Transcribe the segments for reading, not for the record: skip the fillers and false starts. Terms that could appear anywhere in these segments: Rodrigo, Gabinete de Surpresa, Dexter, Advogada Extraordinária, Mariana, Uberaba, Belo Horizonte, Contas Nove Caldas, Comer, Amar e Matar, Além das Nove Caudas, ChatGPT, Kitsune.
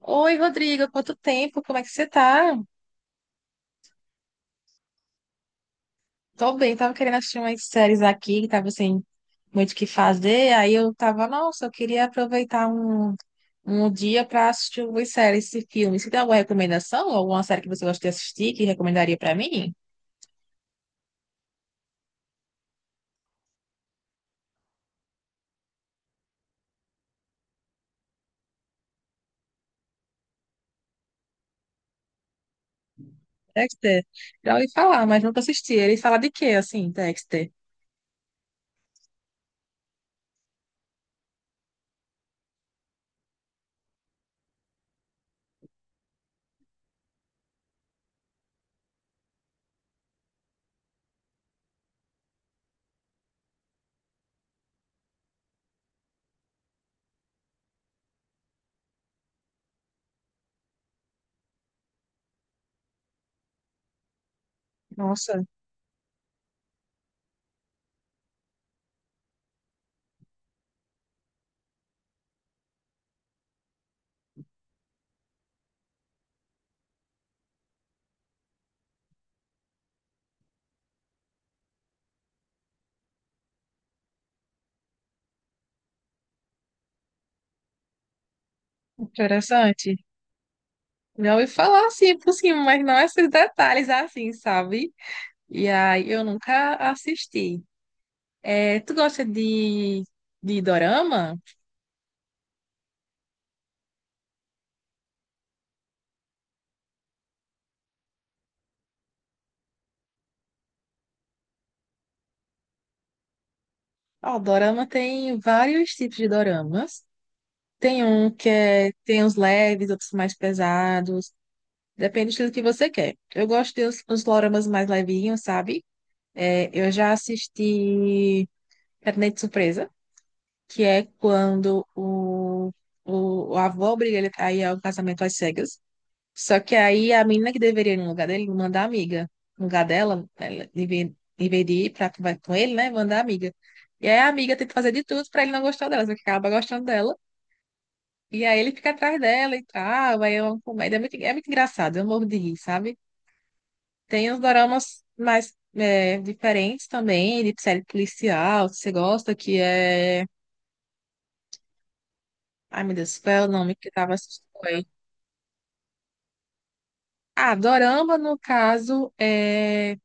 Oi, Rodrigo, quanto tempo? Como é que você tá? Tô bem, tava querendo assistir umas séries aqui, que tava sem muito o que fazer. Aí eu tava, nossa, eu queria aproveitar um dia pra assistir algumas séries e filmes. Você tem alguma recomendação? Alguma série que você gosta de assistir que recomendaria pra mim? Dexter, já ouvi falar, mas nunca assisti. Ele fala de quê, assim, Dexter? Nossa, interessante. Já ouvi falar assim por cima, mas não esses detalhes assim, sabe? E aí eu nunca assisti. Tu gosta de dorama? Ó, dorama tem vários tipos de doramas. Tem um que é, tem uns leves, outros mais pesados. Depende do estilo que você quer. Eu gosto de uns doramas mais levinhos, sabe? É, eu já assisti Gabinete de Surpresa, que é quando o avô obriga ele a ir ao casamento às cegas. Só que aí a menina que deveria ir no lugar dele mandar a amiga. No lugar dela, ela deveria ir pra conversar com ele, né? Mandar a amiga. E aí a amiga tenta fazer de tudo pra ele não gostar dela, só que acaba gostando dela. E aí ele fica atrás dela e tal. Aí é uma comédia. É muito engraçado, eu morro de rir, sabe? Tem uns doramas mais diferentes também, de série policial, se você gosta, que é. Ai, meu Deus, qual é o nome que eu tava assistindo aí? Ah, dorama, no caso, é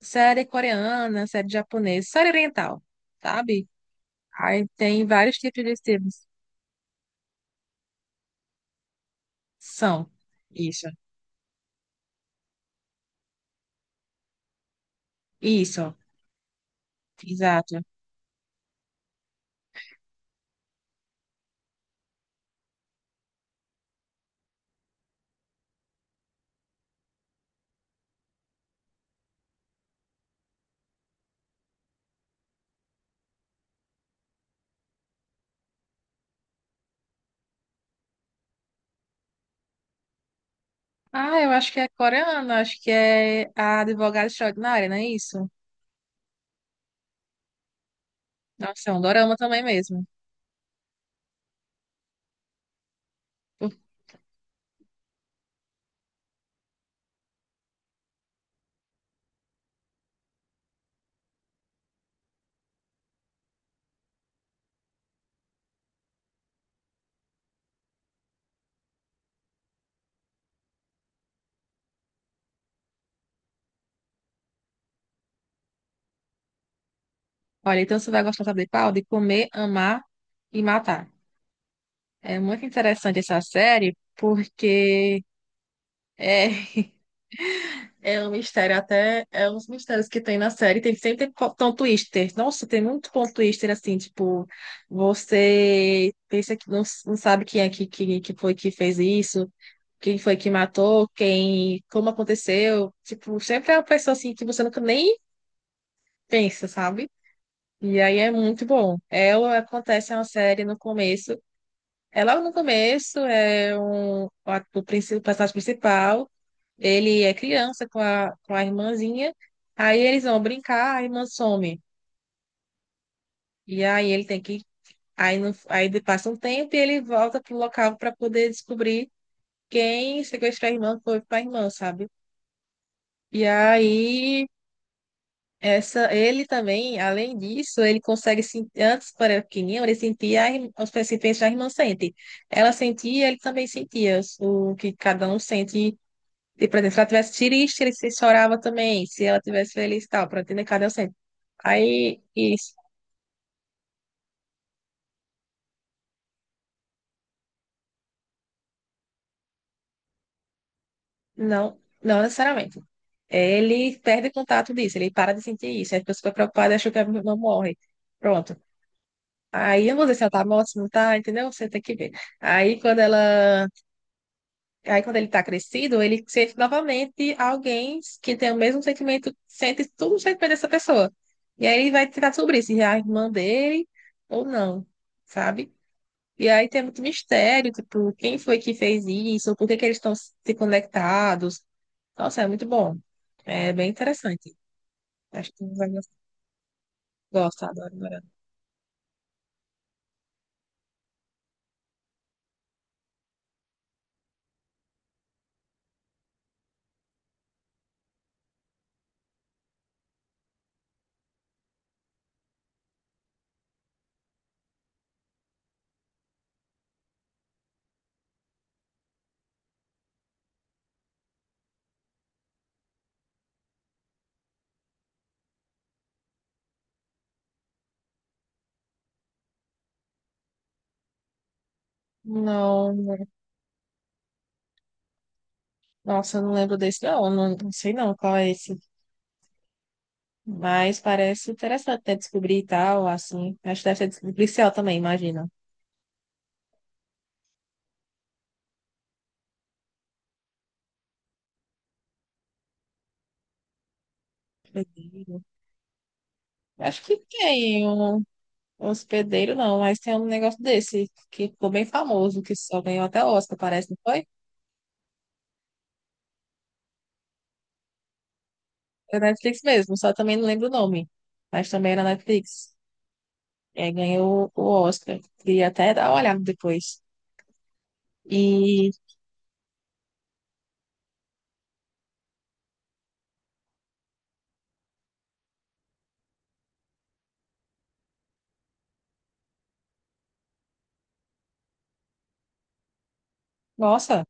série coreana, série japonesa, série oriental, sabe? Aí tem vários tipos de estilos. São. Isso. Isso. Exato. Ah, eu acho que é coreana, acho que é a advogada extraordinária, não é isso? Nossa, é um dorama também mesmo. Olha, então você vai gostar, sabe de qual? De comer, amar e matar. É muito interessante essa série, porque é, é um mistério, até é uns mistérios que tem na série. Tem sempre tem tom twister. Nossa, tem muito ponto twister assim, tipo, você pensa que não, não sabe quem é que foi que fez isso, quem foi que matou, quem, como aconteceu. Tipo, sempre é uma pessoa assim que você nunca nem pensa, sabe? E aí é muito bom. Ela acontece uma série no começo. É logo no começo, é o personagem principal. Ele é criança com com a irmãzinha. Aí eles vão brincar, a irmã some. E aí ele tem que. Aí, no, aí de- Passa um tempo e ele volta pro local para poder descobrir quem sequestrou a irmã foi para a irmã, sabe? E aí essa, ele também, além disso, ele consegue sentir, antes quando era pequenininho, ele sentia a os pensamentos da irmã sente. Ela sentia, ele também sentia o que cada um sente. E, por exemplo, se ela tivesse triste, ele se chorava também. Se ela tivesse feliz e tal, pronto, entender cadê o centro? Aí, isso. Não, não necessariamente. Ele perde contato disso, ele para de sentir isso. Aí a pessoa fica preocupada e acha que a pessoa morre. Pronto. Aí eu não sei se ela tá morta, se não tá, entendeu? Você tem que ver. Aí quando ela. Aí quando ele tá crescido, ele sente novamente alguém que tem o mesmo sentimento, sente tudo o sentimento dessa pessoa. E aí ele vai tentar sobre isso, se é a irmã dele ou não, sabe? E aí tem muito mistério, tipo, quem foi que fez isso, por que que eles estão se conectados. Nossa, é muito bom. É bem interessante. Acho que vai gostar, adoro, adoro. Não, não. Nossa, eu não lembro desse, não, não, não sei não qual é esse. Mas parece interessante, né, descobrir e tal, assim. Acho que deve ser policial também, imagina. Acho que tem um hospedeiro, não, mas tem um negócio desse que ficou bem famoso, que só ganhou até Oscar, parece, não foi? É da Netflix mesmo, só também não lembro o nome, mas também era Netflix. E ganhou o Oscar. Queria até dar uma olhada depois. E, nossa,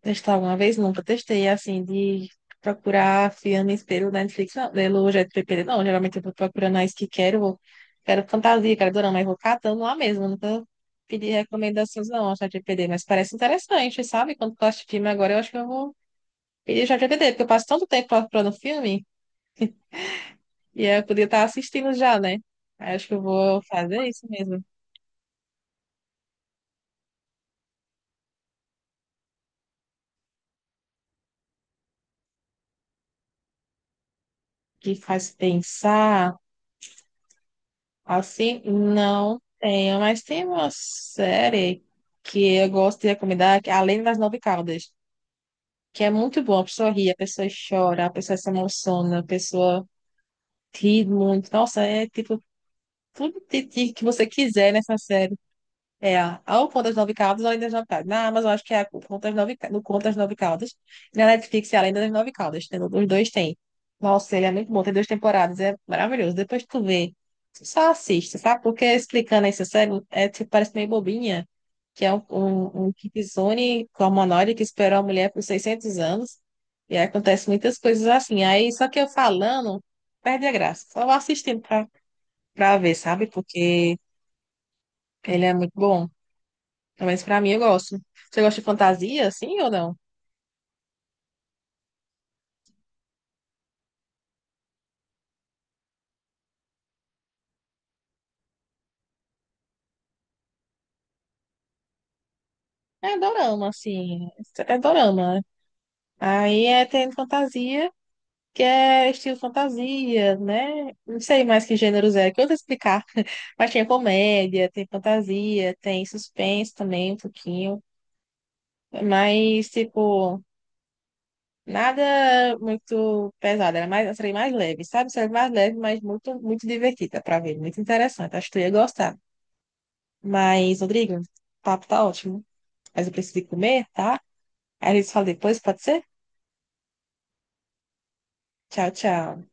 testar alguma vez? Nunca testei, assim, de procurar filmes pelo Netflix, não, pelo GPP, não. Geralmente eu vou procurando as que quero, quero fantasia, quero dorama, mas vou catando lá mesmo. Nunca pedi recomendações, não, ao ChatGPT, mas parece interessante, sabe? Quando tu assiste filme agora, eu acho que eu vou pedir o ChatGPT, porque eu passo tanto tempo procurando filme e eu podia estar assistindo já, né? Aí eu acho que eu vou fazer isso mesmo, que faz pensar. Assim, não tenho, mas tem uma série que eu gosto de recomendar, que é Além das Nove Caudas, que é muito bom. A pessoa ri, a pessoa chora, a pessoa se emociona, a pessoa ri muito. Nossa, é tipo tudo de que você quiser nessa série. É, ao Contas Nove Caldas, Além das Nove Caldas. Na Amazon, acho que é a Contas Nove, no Contas Nove Caldas. E na Netflix é Além das Nove Caldas. Tem, os dois tem. Nossa, ele é muito bom. Tem duas temporadas. É maravilhoso. Depois tu vê. Só assiste, sabe? Porque explicando essa série, é, tipo, parece meio bobinha. Que é um Kitsune com humanoide que esperou a mulher por 600 anos. E aí acontece muitas coisas assim. Aí, só que eu falando, perde a graça. Só vou assistindo pra ver, sabe? Porque ele é muito bom. Mas pra mim eu gosto. Você gosta de fantasia, assim ou não? É dorama, assim. É dorama. Né? Aí é tem fantasia, que é estilo fantasia, né? Não sei mais que gêneros é, que eu vou te explicar. Mas tem comédia, tem fantasia, tem suspense também, um pouquinho. Mas, tipo, nada muito pesado. Era mais, seria mais leve, sabe? Seria mais leve, mas muito divertida pra ver. Muito interessante. Acho que tu ia gostar. Mas, Rodrigo, o papo tá ótimo, mas eu preciso ir comer, tá? Aí eles falam depois, pode ser? Tchau, tchau.